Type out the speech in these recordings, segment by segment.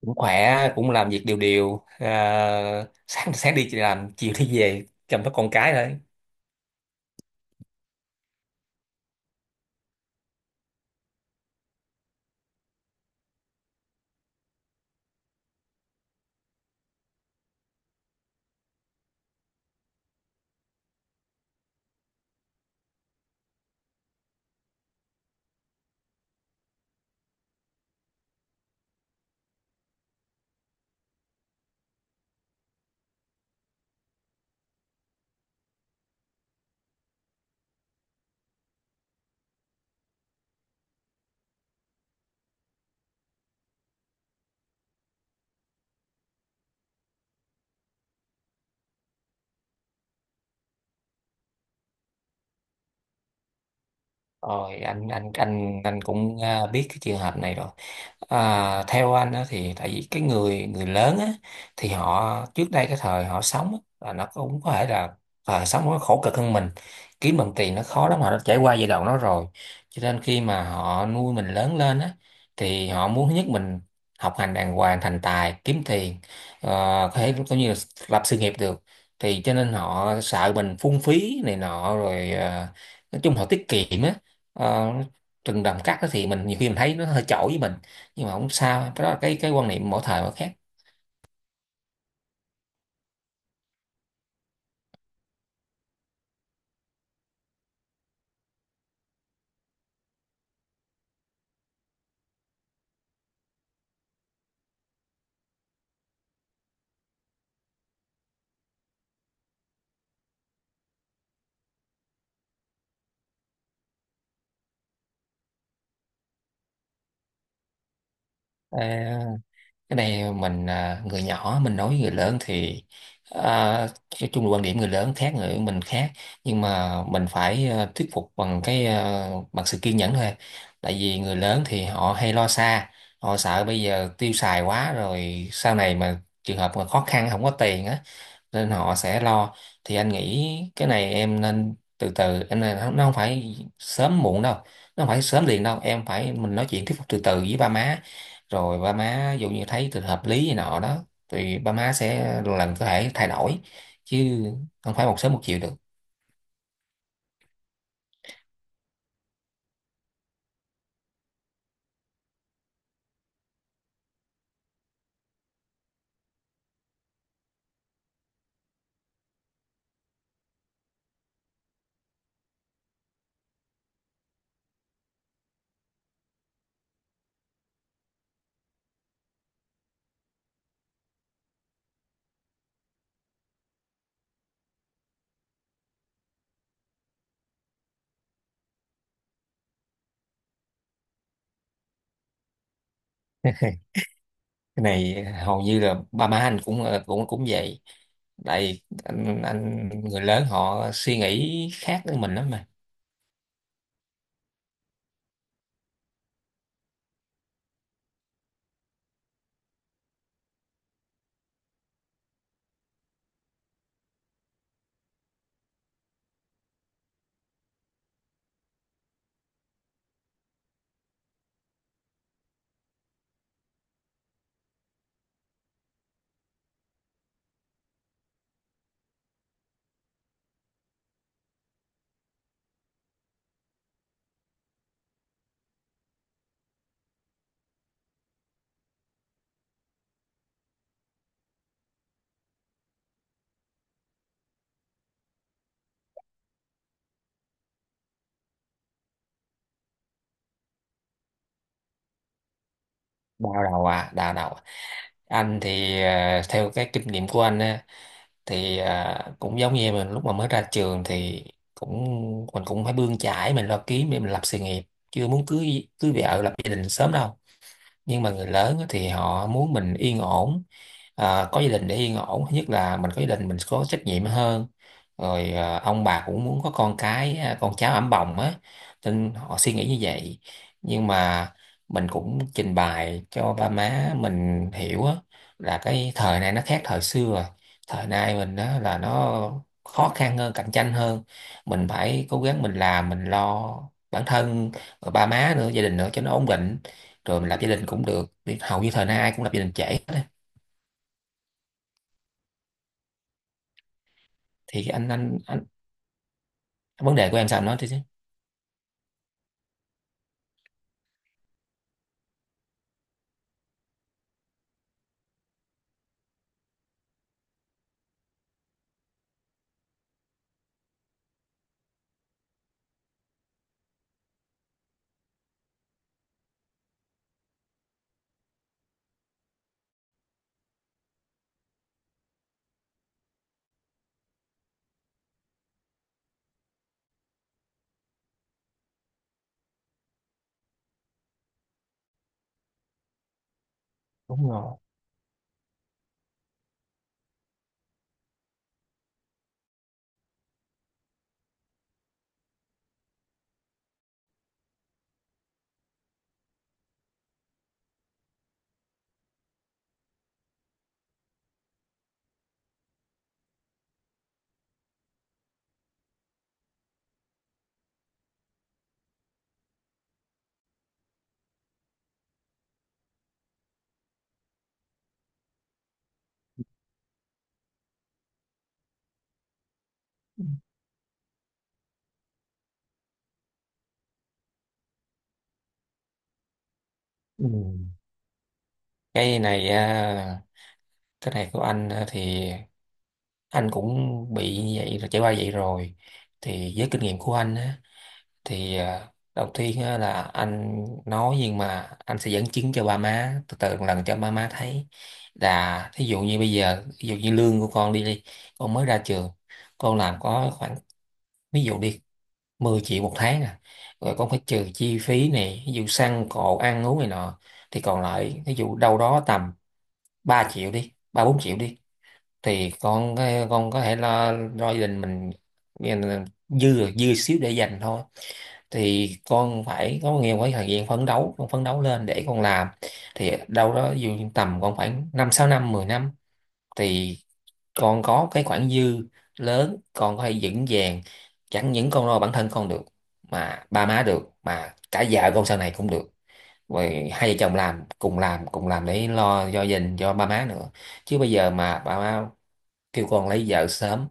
Cũng khỏe, cũng làm việc đều đều à, sáng sáng đi làm, chiều đi về chăm sóc con cái thôi. Rồi anh cũng biết cái trường hợp này rồi. À, theo anh á, thì tại vì cái người người lớn á, thì họ trước đây cái thời họ sống á, là nó cũng có thể là thời sống nó khổ cực hơn mình, kiếm bằng tiền nó khó lắm, họ đã trải qua giai đoạn đó rồi. Cho nên khi mà họ nuôi mình lớn lên á, thì họ muốn thứ nhất mình học hành đàng hoàng, thành tài kiếm tiền, ờ, có thể cũng như là lập sự nghiệp được. Thì cho nên họ sợ mình phung phí này nọ, rồi nói chung họ tiết kiệm á. Ờ, Rừng đầm cát đó thì mình nhiều khi mình thấy nó hơi chổi với mình, nhưng mà không sao, cái đó là cái quan niệm mỗi thời mỗi khác. Ờ, cái này mình người nhỏ mình nói với người lớn thì à, nói chung là quan điểm người lớn khác, người mình khác. Nhưng mà mình phải thuyết phục bằng cái bằng sự kiên nhẫn thôi. Tại vì người lớn thì họ hay lo xa, họ sợ bây giờ tiêu xài quá rồi, sau này mà trường hợp mà khó khăn không có tiền á, nên họ sẽ lo. Thì anh nghĩ cái này em nên từ từ, em nên, nó không phải sớm muộn đâu, nó không phải sớm liền đâu, em phải, mình nói chuyện thuyết phục từ từ với ba má. Rồi ba má ví dụ như thấy từ hợp lý gì nọ đó thì ba má sẽ lần có thể thay đổi, chứ không phải một sớm một chiều được. Cái này hầu như là ba má anh cũng cũng cũng vậy. Tại anh, người lớn họ suy nghĩ khác với mình lắm mà. Đau đầu à, đau đầu à. Anh thì theo cái kinh nghiệm của anh á thì cũng giống như mình lúc mà mới ra trường thì cũng mình cũng phải bươn chải, mình lo kiếm để mình lập sự nghiệp, chưa muốn cưới cưới vợ lập gia đình sớm đâu. Nhưng mà người lớn á thì họ muốn mình yên ổn, có gia đình để yên ổn. Thứ nhất là mình có gia đình mình có trách nhiệm hơn, rồi ông bà cũng muốn có con cái, con cháu ẵm bồng á, nên họ suy nghĩ như vậy. Nhưng mà mình cũng trình bày cho ba má mình hiểu á, là cái thời này nó khác thời xưa rồi. Thời nay mình á là nó khó khăn hơn, cạnh tranh hơn, mình phải cố gắng, mình làm mình lo bản thân, rồi ba má nữa, gia đình nữa cho nó ổn định, rồi mình lập gia đình cũng được. Thì hầu như thời nay ai cũng lập gia đình trễ hết á. Thì cái anh vấn đề của em sao anh nói thì đúng rồi. Ừ. cái này à, cái này của anh á thì anh cũng bị như vậy rồi, trải qua vậy rồi. Thì với kinh nghiệm của anh á, thì đầu tiên á là anh nói, nhưng mà anh sẽ dẫn chứng cho ba má từ từ một lần cho ba má thấy. Là thí dụ như bây giờ, ví dụ như lương của con đi đi, con mới ra trường con làm có khoảng, ví dụ đi, 10 triệu một tháng à. Rồi con phải trừ chi phí này, ví dụ xăng cộ, ăn uống này nọ, thì còn lại ví dụ đâu đó tầm 3 triệu đi, ba bốn triệu đi. Thì con có thể lo lo gia đình mình, dư dư xíu để dành thôi. Thì con phải có nhiều cái thời gian phấn đấu, con phấn đấu lên để con làm, thì đâu đó dù tầm con khoảng năm sáu năm, 10 năm. Thì con có cái khoản dư lớn, con có thể vững vàng, chẳng những con lo bản thân con được, mà ba má được, mà cả vợ con sau này cũng được. Rồi hai vợ chồng làm để lo cho gia đình, cho ba má nữa. Chứ bây giờ mà ba má kêu con lấy vợ sớm,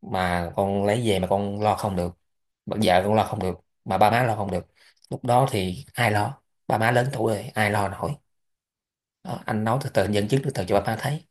mà con lấy về mà con lo không được, bà vợ con lo không được, mà ba má lo không được, lúc đó thì ai lo? Ba má lớn tuổi rồi ai lo nổi? Đó, anh nói từ từ, dẫn chứng từ từ cho ba má thấy.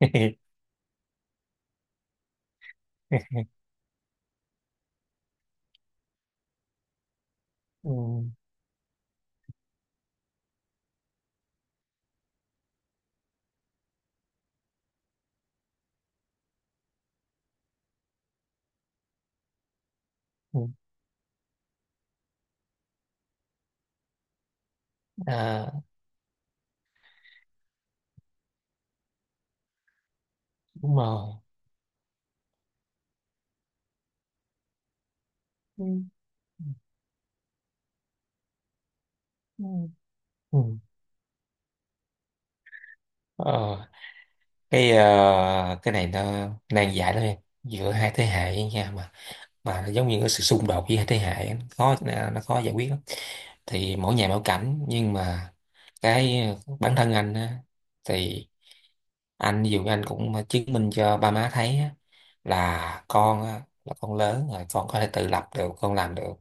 Ừ. Ừ. À, đúng rồi. Ừ. Ừ. Ừ. ờ, cái ờ, cái này nó nan giải lắm em. Giữa hai thế hệ nha, mà giống như cái sự xung đột với thế hệ á, khó, nó khó giải quyết lắm. Thì mỗi nhà mỗi cảnh, nhưng mà cái bản thân anh á, thì anh dù anh cũng chứng minh cho ba má thấy á, là con lớn rồi, con có thể tự lập được, con làm được,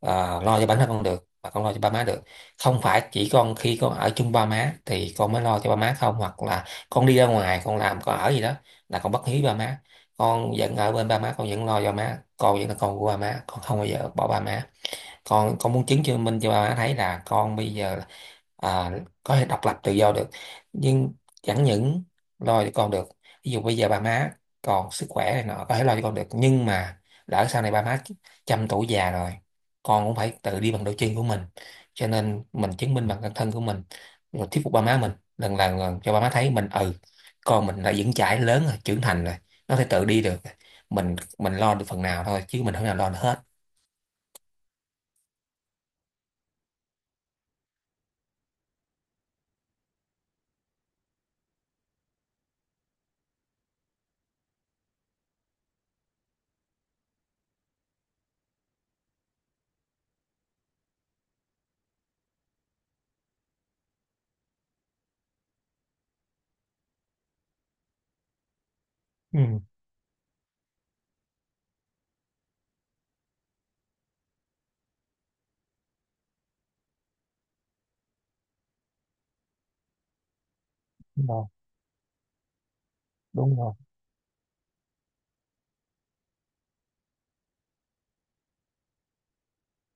lo cho bản thân con được, và con lo cho ba má được. Không phải chỉ con khi con ở chung ba má thì con mới lo cho ba má không, hoặc là con đi ra ngoài, con làm, con ở gì đó là con bất hiếu ba má. Con vẫn ở bên ba má, con vẫn lo cho má, con vẫn là con của ba má, con không bao giờ bỏ ba má. Con muốn chứng chứng minh cho ba má thấy là con bây giờ à, có thể độc lập tự do được. Nhưng chẳng những lo cho con được, ví dụ bây giờ ba má còn sức khỏe này nọ có thể lo cho con được, nhưng mà lỡ sau này ba má trăm tuổi già rồi, con cũng phải tự đi bằng đôi chân của mình. Cho nên mình chứng minh bằng bản thân của mình, rồi thuyết phục ba má mình lần lần lần cho ba má thấy mình, ừ, con mình đã vững chãi lớn rồi, trưởng thành rồi, nó phải tự đi được. Mình lo được phần nào thôi, chứ mình không thể nào lo được hết. Ừ, đúng rồi. Đúng rồi,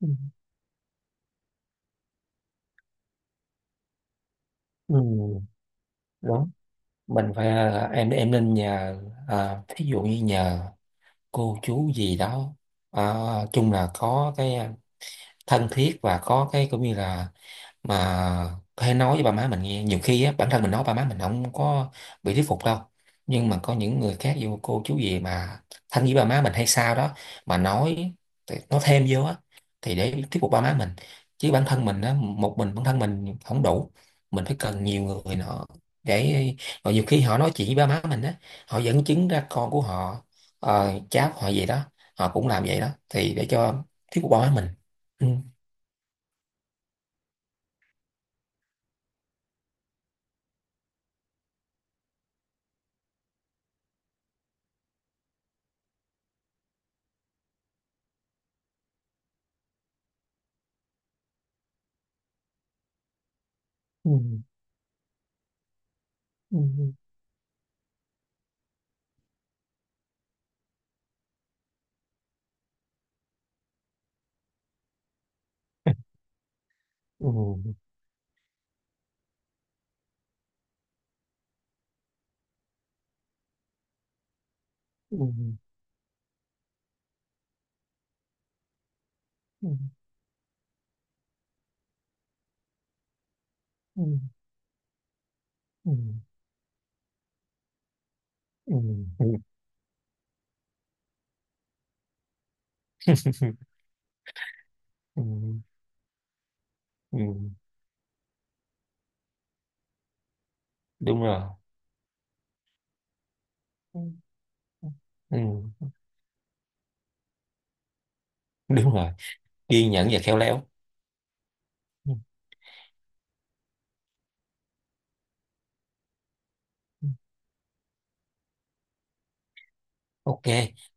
ừ. Ừ, đúng. Mình phải em nên nhờ thí dụ như nhờ cô chú gì đó, à, chung là có cái thân thiết và có cái cũng như là mà hay nói với ba má mình nghe. Nhiều khi á bản thân mình nói ba má mình không có bị thuyết phục đâu, nhưng mà có những người khác vô, cô chú gì mà thân với ba má mình hay sao đó mà nói, thì nói thêm vô á, thì để thuyết phục ba má mình. Chứ bản thân mình á, một mình bản thân mình không đủ, mình phải cần nhiều người nữa để, và nhiều khi họ nói chuyện với ba má mình á, họ dẫn chứng ra con của họ, cháp họ gì đó, họ cũng làm vậy đó thì để cho thuyết phục báo mình. Ừ. Ừ, ừ, ừ, ừ, ừ, ừ, ừ, ừ, ừ. Ừ. Ừ. Đúng rồi. Ừ, ừ, ừ. Đúng rồi, kiên nhẫn và khéo léo. Ừ, ừ. OK,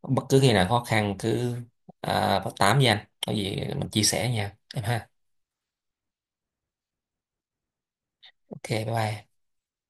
bất cứ khi nào khó khăn cứ báo tám với anh có gì mình chia sẻ nha em ha. OK, bye bye.